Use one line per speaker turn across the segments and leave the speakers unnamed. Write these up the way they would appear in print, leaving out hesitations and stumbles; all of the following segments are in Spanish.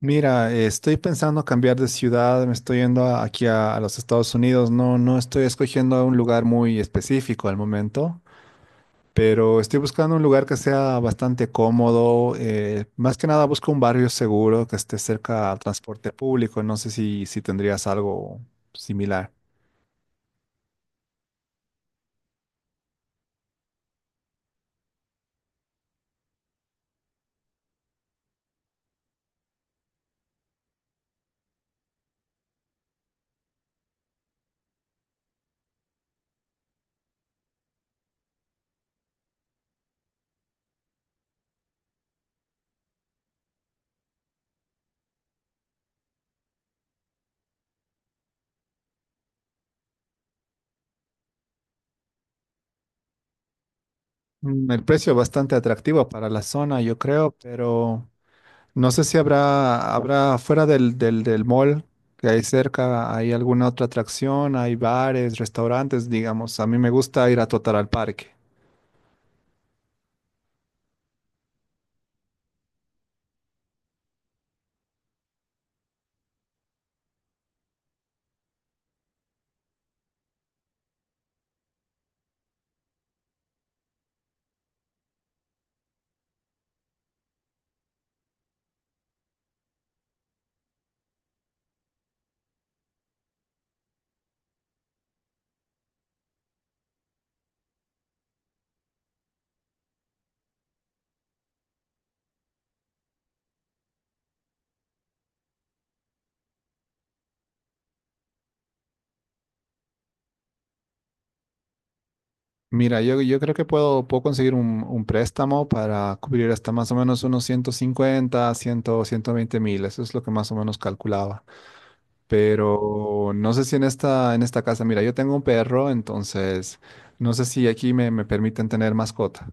Mira, estoy pensando cambiar de ciudad, me estoy yendo aquí a los Estados Unidos, no, no estoy escogiendo un lugar muy específico al momento, pero estoy buscando un lugar que sea bastante cómodo, más que nada busco un barrio seguro que esté cerca al transporte público, no sé si tendrías algo similar. Mm, el precio es bastante atractivo para la zona, yo creo, pero no sé si habrá fuera del mall que hay cerca, hay alguna otra atracción, hay bares, restaurantes, digamos. A mí me gusta ir a trotar al parque. Mira, yo creo que puedo conseguir un préstamo para cubrir hasta más o menos unos 150, 120.000. Eso es lo que más o menos calculaba. Pero no sé si en en esta casa, mira, yo tengo un perro, entonces no sé si aquí me permiten tener mascota.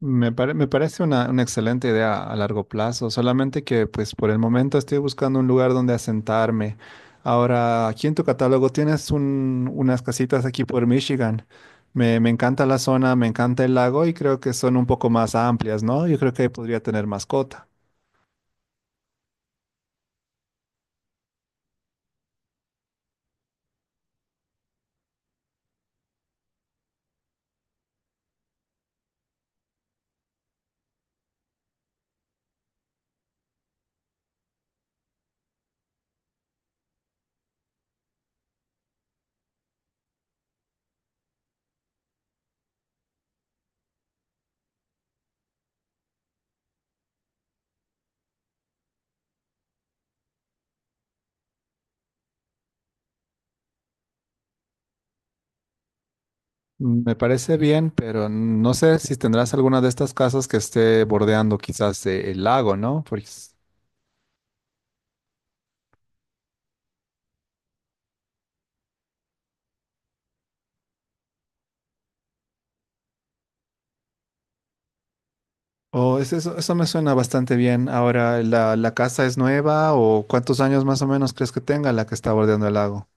Me parece una excelente idea a largo plazo, solamente que pues por el momento estoy buscando un lugar donde asentarme. Ahora, aquí en tu catálogo tienes unas casitas aquí por Michigan. Me encanta la zona, me encanta el lago y creo que son un poco más amplias, ¿no? Yo creo que ahí podría tener mascota. Me parece bien, pero no sé si tendrás alguna de estas casas que esté bordeando quizás el lago, ¿no? Porque oh, eso, eso me suena bastante bien. Ahora, la casa es nueva o cuántos años más o menos crees que tenga la que está bordeando el lago?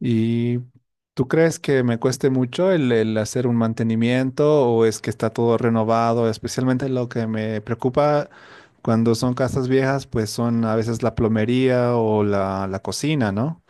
¿Y tú crees que me cueste mucho el hacer un mantenimiento o es que está todo renovado? Especialmente lo que me preocupa cuando son casas viejas, pues son a veces la plomería o la cocina, ¿no?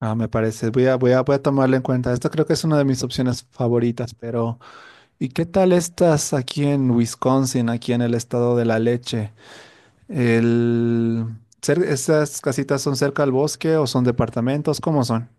Ah, me parece, voy a tomarlo en cuenta. Esto creo que es una de mis opciones favoritas, pero ¿y qué tal estás aquí en Wisconsin, aquí en el estado de la leche? El... ¿Esas casitas son cerca al bosque o son departamentos? ¿Cómo son?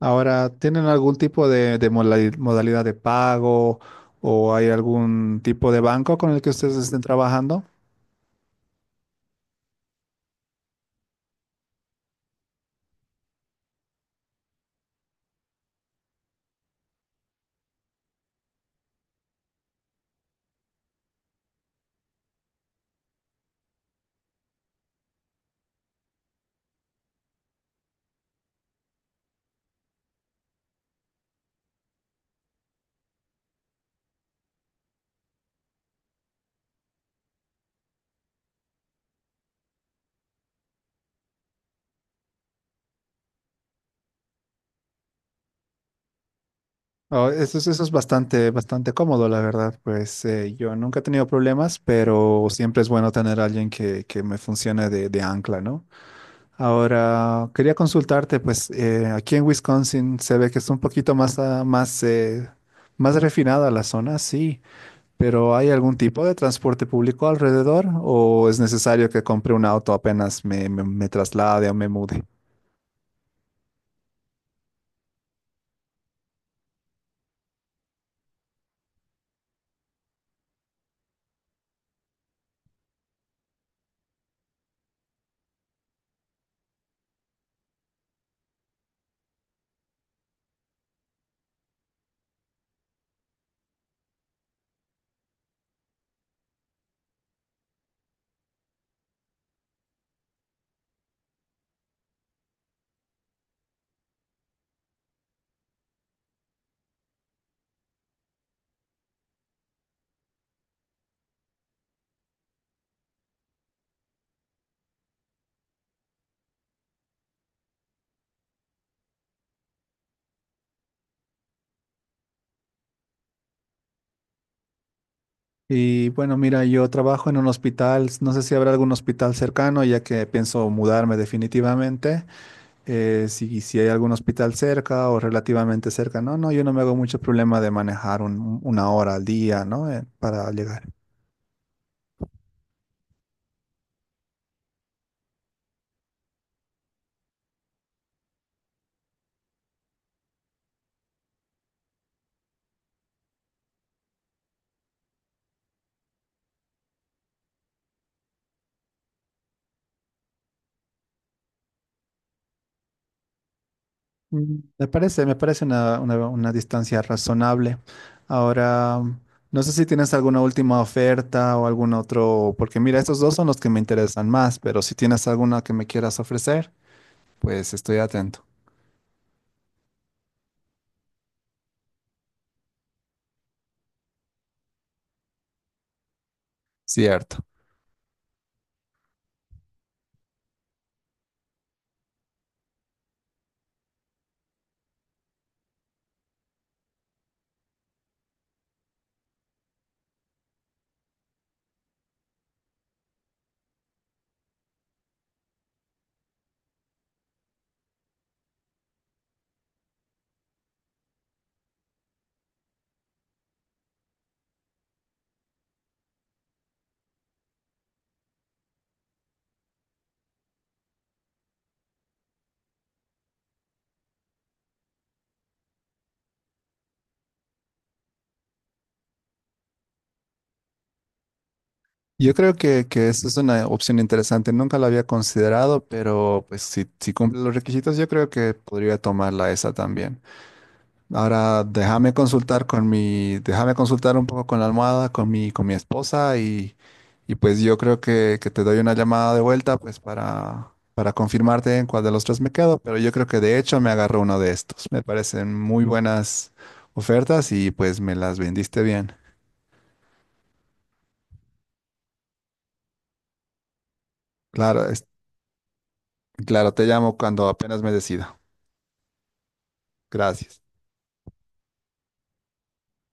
Ahora, ¿tienen algún tipo de modalidad de pago o hay algún tipo de banco con el que ustedes estén trabajando? Oh, eso es bastante, bastante cómodo, la verdad. Pues yo nunca he tenido problemas, pero siempre es bueno tener a alguien que me funcione de ancla, ¿no? Ahora, quería consultarte, pues aquí en Wisconsin se ve que es un poquito más, más, más refinada la zona, sí, pero ¿hay algún tipo de transporte público alrededor o es necesario que compre un auto apenas me traslade o me mude? Y bueno, mira, yo trabajo en un hospital, no sé si habrá algún hospital cercano, ya que pienso mudarme definitivamente. Si, si hay algún hospital cerca o relativamente cerca, no, no, yo no me hago mucho problema de manejar una hora al día, ¿no? Para llegar. Mm, me parece, me parece una, una distancia razonable. Ahora, no sé si tienes alguna última oferta o algún otro, porque mira, estos dos son los que me interesan más, pero si tienes alguna que me quieras ofrecer, pues estoy atento. Cierto. Yo creo que esa es una opción interesante. Nunca la había considerado, pero pues si, si cumple los requisitos, yo creo que podría tomarla esa también. Ahora déjame consultar con mi, déjame consultar un poco con la almohada, con mi esposa y pues yo creo que te doy una llamada de vuelta pues para confirmarte en cuál de los tres me quedo, pero yo creo que de hecho me agarró uno de estos. Me parecen muy buenas ofertas y pues me las vendiste bien. Claro, claro, te llamo cuando apenas me decida. Gracias.